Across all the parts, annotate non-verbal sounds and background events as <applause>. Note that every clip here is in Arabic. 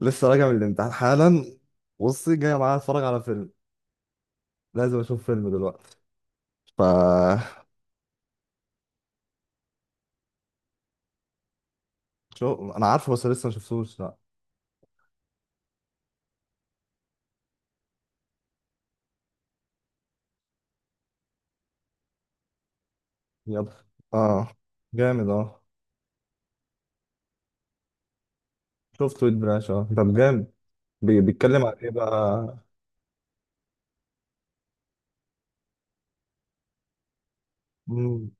لسه راجع من الامتحان حالا. بصي، جاي معايا اتفرج على فيلم، لازم اشوف فيلم دلوقتي. ف شو انا عارفه بس لسه ما شفتوش. لا، يلا. اه جامد اه. شفت ويد براش اه طب جامد. بيتكلم عن ايه بقى؟ مم.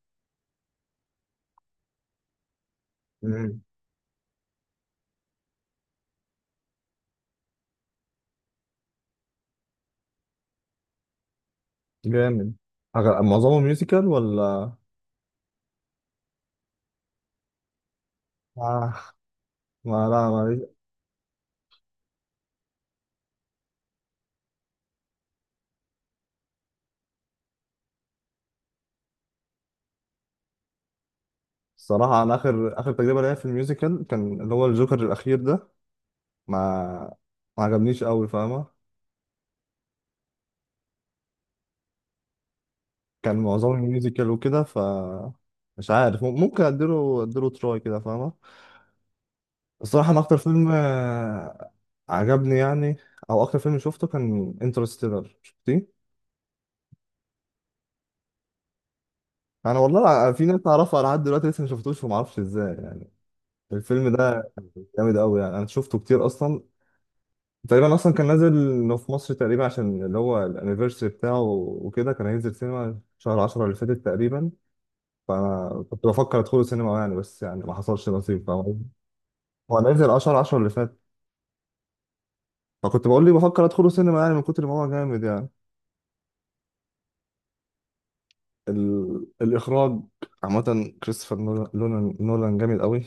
مم. جامد. معظمه ميوزيكال ولا؟ آه. ما لا ما الصراحة أنا آخر آخر تجربة ليا في الميوزيكال كان اللي هو الجوكر الأخير ده، ما ما عجبنيش قوي، فاهمة؟ كان معظمه ميوزيكال وكده. مش عارف، ممكن اديله تراي كده، فاهمة؟ الصراحة انا اكتر فيلم، عجبني يعني، او اكتر فيلم شفته كان انترستيلر، شفتيه؟ انا والله في ناس اعرفها لحد دلوقتي لسه ما شفتوش وما اعرفش ازاي يعني. الفيلم ده جامد قوي يعني، انا شفته كتير اصلا. تقريبا اصلا كان نازل إنه في مصر تقريبا عشان اللي هو الانيفرساري بتاعه وكده، كان هينزل سينما شهر 10 اللي فاتت تقريبا، فانا كنت بفكر ادخله سينما يعني، بس يعني ما حصلش نصيب. هو نزل اشهر 10 اللي فات، فكنت بقول لي بفكر ادخله سينما يعني، من كتر ما هو جامد يعني. الاخراج عامه. كريستوفر نولان نولان جامد قوي،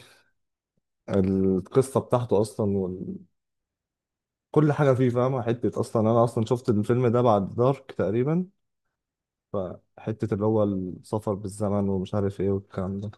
القصه بتاعته اصلا كل حاجه فيه، فاهمه؟ حته اصلا انا اصلا شفت الفيلم ده بعد دارك تقريبا، فحته اللي هو السفر بالزمن ومش عارف ايه والكلام ده.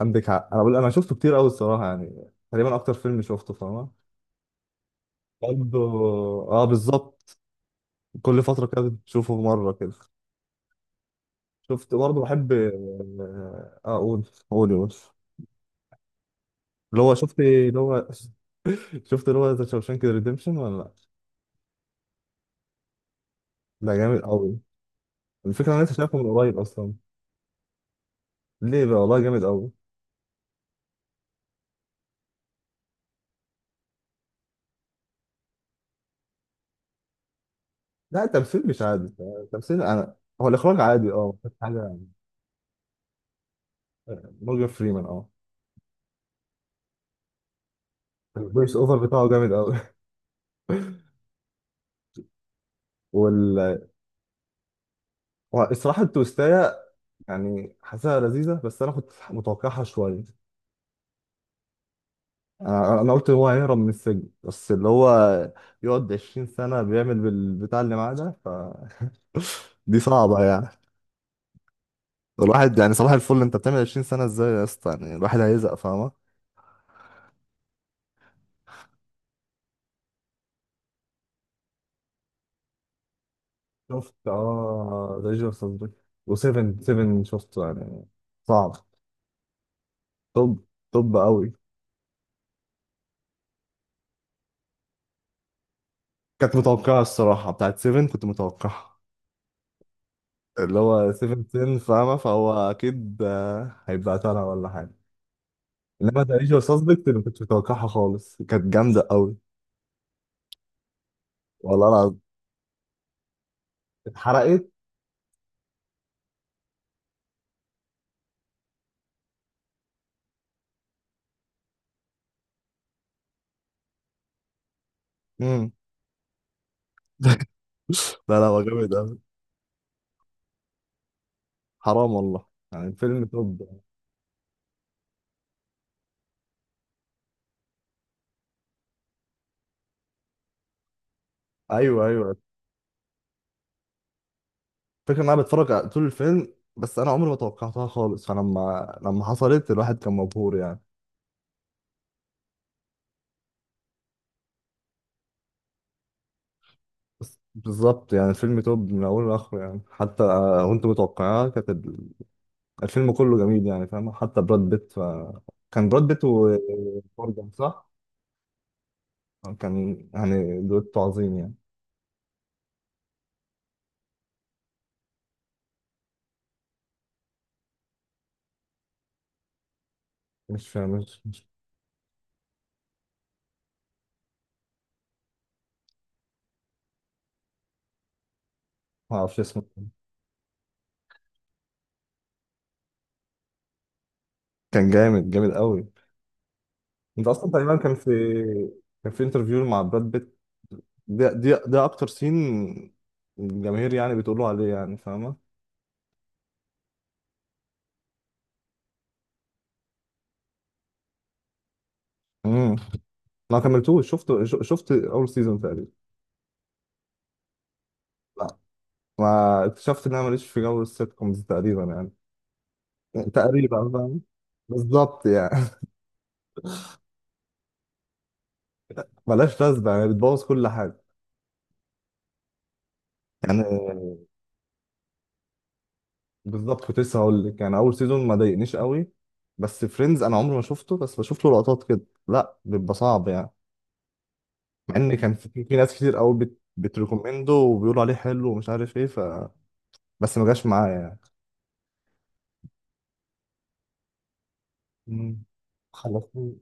عندك حق، انا بقول انا شفته كتير قوي الصراحه يعني، تقريبا اكتر فيلم شفته، فاهمه؟ برضه. اه بالظبط. كل فتره كده بشوفه مره كده. شفت، برضه بحب اقول، قول يا باشا. اللي هو شفت اللي هو <laughs> شفت اللي هو ذا شاوشانك ريديمشن ولا لا؟ ده جامد قوي. الفكره انا لسه شايفه من قريب اصلا. ليه بقى؟ والله جامد قوي. لا، التمثيل مش عادي. التمثيل انا، هو الاخراج عادي اه، بس حاجه يعني. مورجان فريمان اه، الفويس اوفر بتاعه جامد قوي. <laughs> وال الصراحه التوستايه يعني، حاسسها لذيذه بس انا كنت متوقعها شويه. انا قلت هو هيهرب من السجن، بس اللي هو يقعد 20 سنة بيعمل بالبتاع اللي معاه ده، فدي صعبة يعني. الواحد يعني صباح الفل، انت بتعمل 20 سنة ازاي يا اسطى يعني، الواحد هيزق، فاهمة؟ شفت اه ذا ليجند اوف و7 7 شفته يعني، صعب. طب طب قوي. كانت متوقعة الصراحة، بتاعت 7 كنت متوقعها، اللي هو 7 10 فاهمة، فهو أكيد هيبقى ترى ولا حاجة. إنما ذا ليجند اوف اللي ما كنتش متوقعها خالص، كانت جامدة قوي. والله اتحرقت. امم <laughs> لا، لا هو جامد قوي. حرام والله، يعني الفيلم توب. ايوه، ايوه، الفكره ان انا بتفرج على طول الفيلم بس انا عمري ما توقعتها خالص، فلما حصلت الواحد كان مبهور يعني. بس بالظبط يعني، الفيلم توب من اوله لاخره يعني، حتى وانت متوقعها. الفيلم كله جميل يعني، فاهم؟ حتى براد بيت كان براد بيت ومورجان، صح؟ كان يعني دويتو عظيم يعني. مش ما اعرفش اسمه. كان جامد جامد قوي. انت اصلا تقريبا كان في، كان في انترفيو مع براد بيت، ده اكتر سين الجماهير يعني بتقولوا عليه يعني، فاهمه؟ امم. ما كملتوش، شفت شفت اول سيزون تقريبا. لا، ما اكتشفت ان انا ماليش في جو السيت كومز تقريبا يعني. تقريبا، فاهم؟ بالظبط يعني. <laughs> ملهاش لازمه يعني، بتبوظ كل حاجه يعني. بالظبط، كنت لسه هقول لك يعني اول سيزون ما ضايقنيش قوي، بس فريندز انا عمري ما شفته، بس بشوف له لقطات كده، لا بيبقى صعب يعني. مع ان كان في ناس كتير قوي بتريكومنده وبيقولوا عليه حلو ومش عارف ايه. بس ما جاش معايا يعني. مم. خلصني.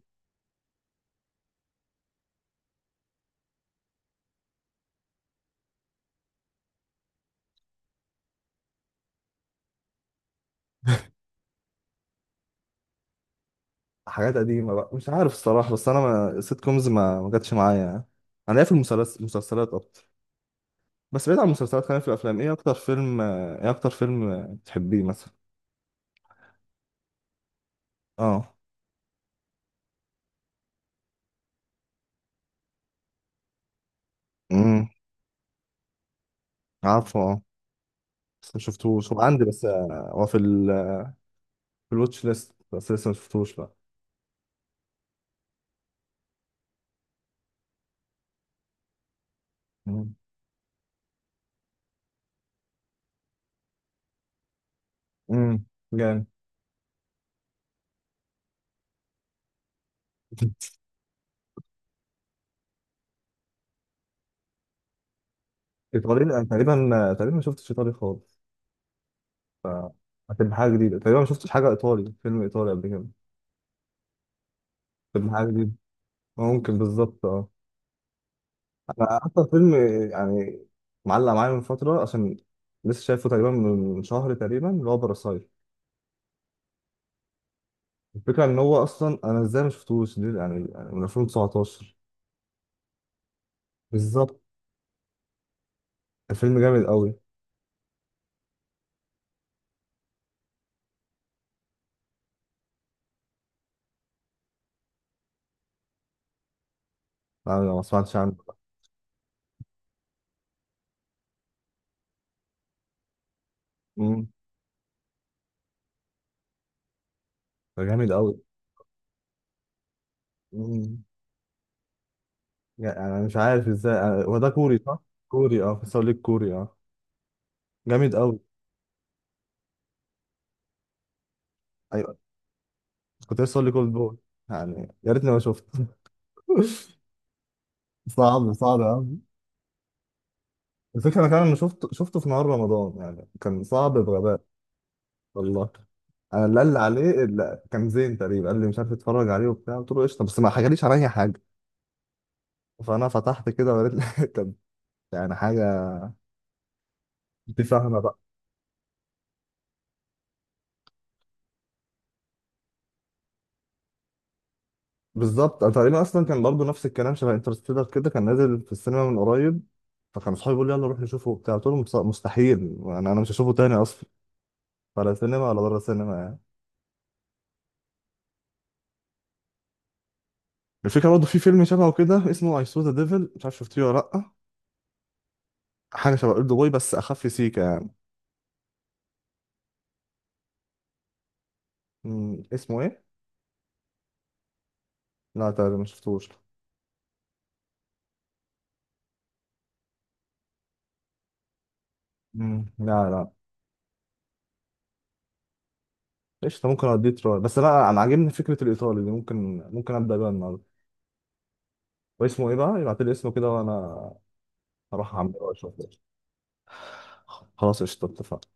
حاجات قديمه بقى مش عارف الصراحه، بس انا ما... السيت كومز ما جاتش معايا يعني. انا ليا في المسلسلات اكتر. بس بعيد عن المسلسلات، خلينا في الافلام، ايه اكتر فيلم، بتحبيه مثلا؟ اه. امم عارفه اه، بس ما شفتوش، هو عندي بس، هو في في الواتش ليست، بس لسه ما شفتوش بقى. امم امم جامد. <laughs> ايطالي؟ لا، تقريبا ما شفتش ايطالي خالص. هتبقى حاجة جديدة، تقريبا ما شفتش حاجة إيطالي، فيلم إيطالي قبل كده، هتبقى حاجة جديدة. ممكن، بالظبط اه. أنا أكتر فيلم يعني معلق معايا من فترة، عشان لسه شايفه تقريبا من شهر تقريبا، اللي هو باراسايت. الفكرة إن هو أصلا، أنا إزاي ما شفتوش دي يعني من 2019. بالظبط، الفيلم جامد قوي، أنا ما سمعتش عنه. امم ده جامد قوي. امم يعني أنا مش عارف إزاي، هو ده كوري صح؟ كوري اه، كنت لك كوري اه، جامد قوي. أيوه، كنت لسه أقول لك أولد بوي، يعني يا ريتني ما شفت. صعب صعب يا عم. الفكرة انا كمان، شفته في نهار رمضان يعني، كان صعب بغباء. والله، انا اللي قال لي عليه اللي كان زين تقريبا، قال لي مش عارف اتفرج عليه وبتاع، قلت له قشطه، بس ما حكاليش على اي حاجه. فانا فتحت كده وريت لي <laughs> كان يعني حاجه، انت فاهمه بقى؟ بالظبط، أنا تقريبا اصلا كان برضو نفس الكلام، شبه انترستيلر كده، كان نازل في السينما من قريب، فكان اصحابي بيقولوا لي يلا نروح نشوفه وبتاع، قلت لهم مستحيل. انا مش هشوفه تاني اصلا، ولا سينما ولا بره سينما يعني. الفكره برضه في فيلم شبهه كده اسمه اي سو ذا ديفل، مش عارف شفتيه ولا لا. حاجه شبه اولد بوي بس اخف سيكه يعني. مم، اسمه ايه؟ لا تقريبا ما شفتوش. مم، لا لا. ايش، ممكن اوديه تراي، بس لا انا عاجبني فكره الايطالي دي، ممكن ابدا بيها النهارده. واسمه ايه بقى، يبعت لي اسمه كده وانا اروح اعمله واشوفه. خلاص قشطه اتفقنا.